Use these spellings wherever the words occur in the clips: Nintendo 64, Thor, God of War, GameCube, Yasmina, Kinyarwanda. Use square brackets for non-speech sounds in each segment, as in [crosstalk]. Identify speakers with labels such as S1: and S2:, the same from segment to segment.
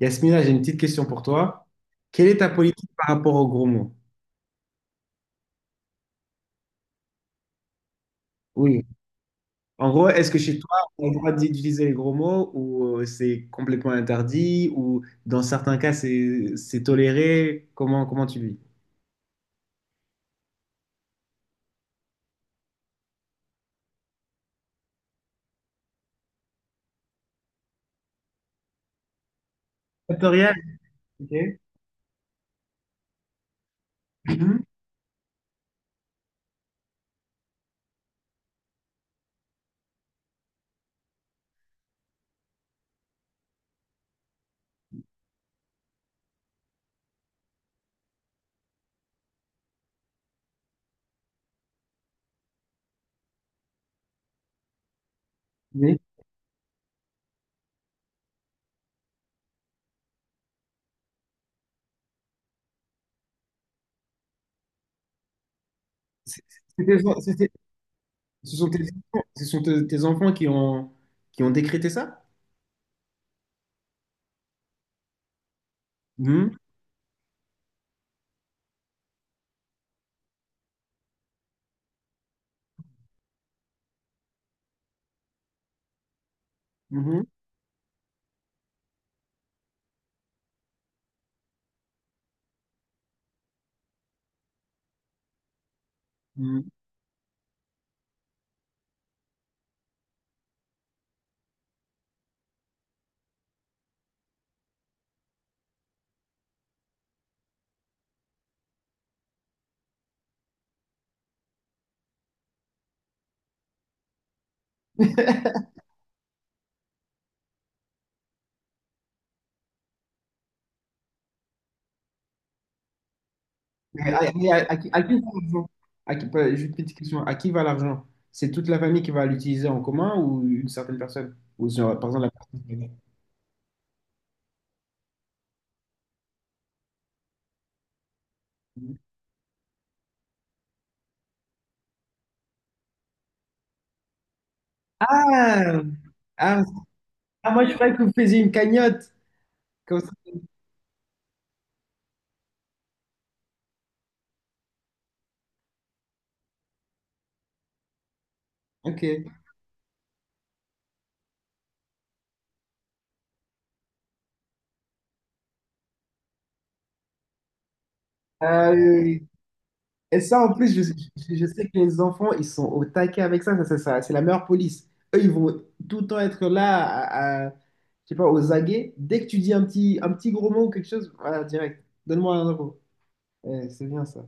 S1: Yasmina, j'ai une petite question pour toi. Quelle est ta politique par rapport aux gros mots? Oui. En gros, est-ce que chez toi, on a le droit d'utiliser les gros mots ou c'est complètement interdit ou dans certains cas, c'est toléré? Comment tu vis? Factoriel. Ok. Mhm. Oui. C'est- c'est tes en- c'est- ce sont tes, enfants tes enfants qui ont décrété ça? Mhm. Mhm. À qui va l'argent? À qui- pas- Juste une petite question. À qui va l'argent? C'est toute la famille qui va l'utiliser en commun ou une certaine personne? Ou genre, par exemple, la personne. Ah! Ah, ah, moi, je croyais que vous faisiez une cagnotte. Comme ça. Ok. Euh, et ça, en plus, je sais que les enfants, ils sont au taquet avec ça. Ça, ça, c'est la meilleure police. Eux, ils vont tout le temps être là, je sais pas, aux aguets. Dès que tu dis un petit gros mot ou quelque chose, voilà, direct. Donne-moi un euro. Eh, c'est bien ça.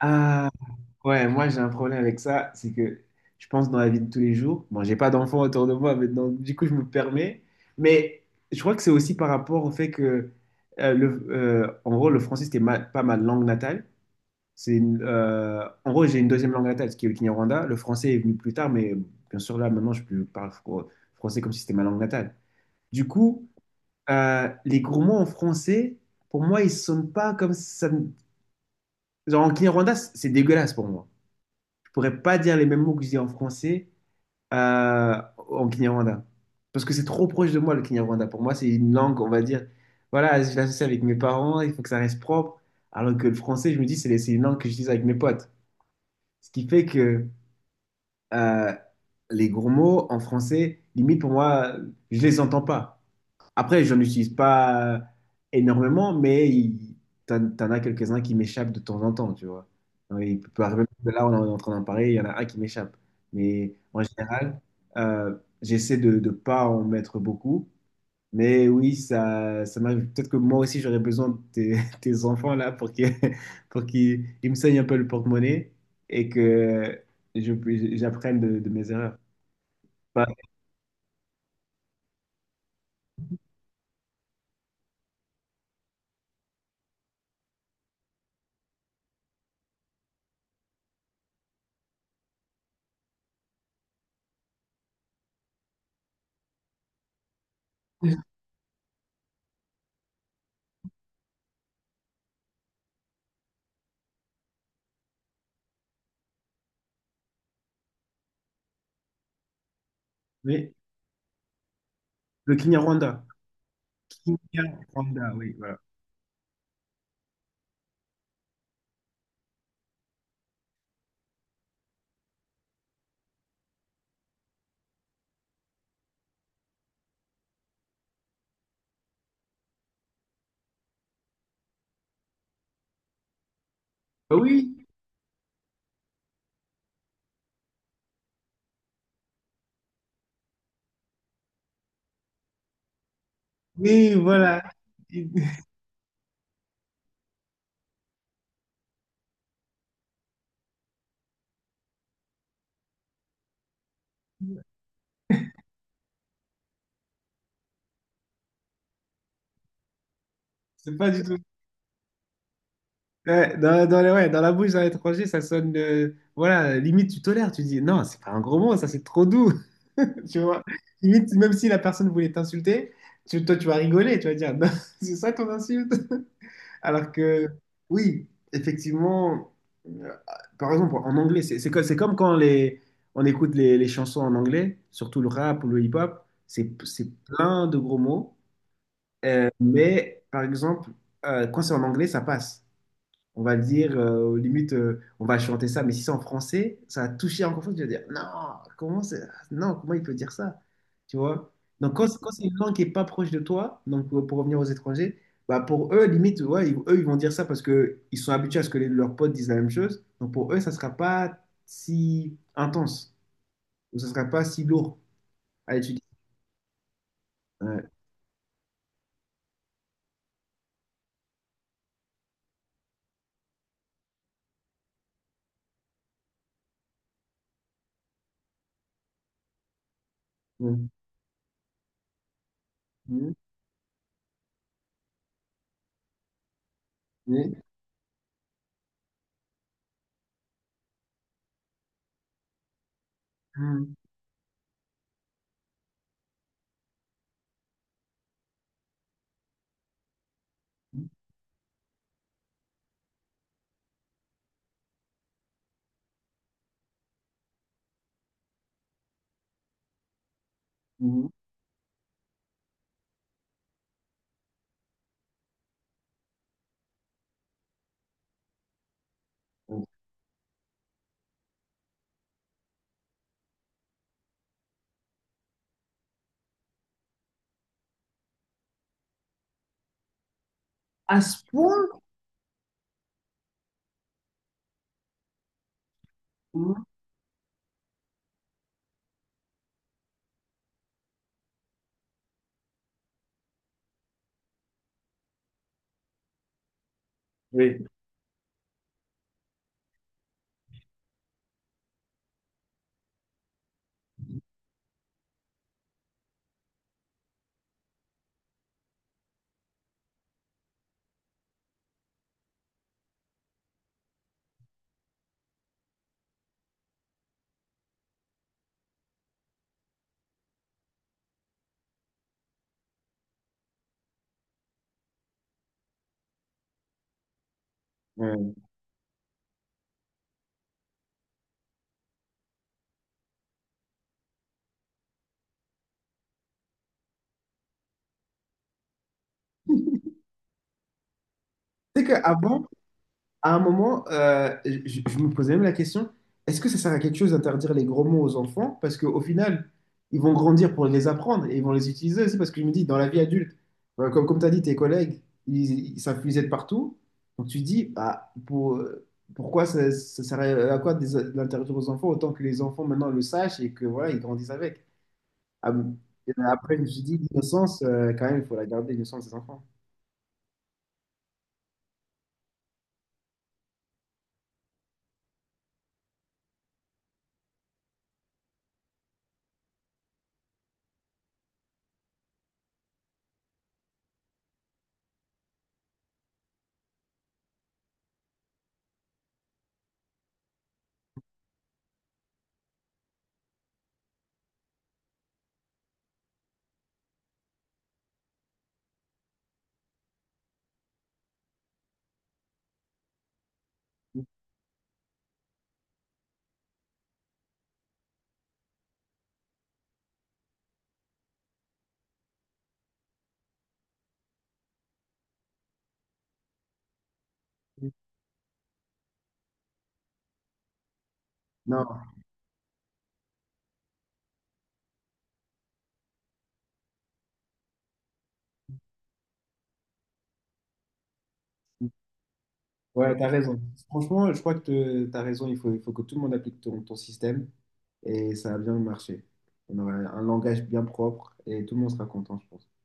S1: Ah, ouais, moi j'ai un problème avec ça, c'est que je pense dans la vie de tous les jours, bon, j'ai pas d'enfants autour de moi, mais donc, du coup je me permets, mais je crois que c'est aussi par rapport au fait que en gros, le français pas ma langue natale, en gros j'ai une deuxième langue natale, ce qui est le Kinyarwanda, le français est venu plus tard, mais bien sûr là maintenant parle français comme si c'était ma langue natale. Du coup, les gros mots en français, pour moi ils sonnent pas comme ça, genre en Kinyarwanda c'est dégueulasse pour moi pourrais pas dire les mêmes mots que je dis en français en Kinyarwanda. Parce que c'est trop proche de moi, le Kinyarwanda. Pour moi, c'est une langue, on va dire, voilà, je l'associe avec mes parents, il faut que ça reste propre. Alors que le français, je me dis, c'est une langue que j'utilise avec mes potes. Ce qui fait que euh, les gros mots en français, limite pour moi, je les entends pas. Après, j'en utilise pas énormément, mais il, t'en as quelques-uns qui m'échappent de temps en temps, tu vois. Il peut arriver que là, on est en train d'en parler, il y en a un qui m'échappe. Mais en général, euh, j'essaie de ne pas en mettre beaucoup. Mais oui, ça m'arrive. Peut-être que moi aussi, j'aurais besoin de tes, [laughs] tes enfants là pour qu'ils [laughs] pour qu'ils ils me saignent un peu le porte-monnaie et que je, j'apprenne de mes erreurs. Bah, mais le Kinyarwanda. Kinyarwanda, oui, voilà. Bah oui, oui, voilà. Il- [laughs] C'est pas du tout. Ouais, ouais, dans la bouche d'un étranger, ça sonne. Voilà, limite, tu tolères. Tu dis, non, c'est pas un gros mot, ça, c'est trop doux. [laughs] Tu vois? Limite, même si la personne voulait t'insulter, toi, tu vas rigoler. Tu vas dire, non, [laughs] c'est ça ton insulte. [laughs] Alors que, oui, effectivement, euh, par exemple, en anglais, c'est comme quand les, on écoute les chansons en anglais, surtout le rap ou le hip-hop, c'est plein de gros mots. Mais par exemple, quand c'est en anglais, ça passe. On va dire, limite, on va chanter ça, mais si c'est en français, ça va toucher encore plus. Tu vas dire, non, non, comment il peut dire ça? Tu vois? Donc, quand c'est une langue qui est pas proche de toi, donc pour revenir aux étrangers, bah pour eux, limite, ouais, eux, ils vont dire ça parce que ils sont habitués à ce que leurs potes disent la même chose. Donc, pour eux, ça sera pas si intense ou ça sera pas si lourd à étudier. Ouais. Mhm. Mhm. Mhm. Mhm. À ce point, oui. Mm. Tu sais qu'avant, à un moment, je me posais même la question, est-ce que ça sert à quelque chose d'interdire les gros mots aux enfants? Parce qu'au final, ils vont grandir pour les apprendre et ils vont les utiliser aussi. Parce que je me dis, dans la vie adulte, comme, comme tu as dit, tes collègues, ils savent puiser de partout. Donc tu te dis, bah, pour, pourquoi ça, ça sert à quoi de l'interdire aux enfants autant que les enfants maintenant le sachent et que voilà, ils grandissent avec. Ah bon. Et après, je me suis dit, l'innocence, quand même, il faut la garder, l'innocence des enfants. Non, ouais, t'as raison. Franchement, je crois que t'as raison. Il faut que tout le monde applique ton système et ça va bien marcher. On aura un langage bien propre et tout le monde sera content, je pense.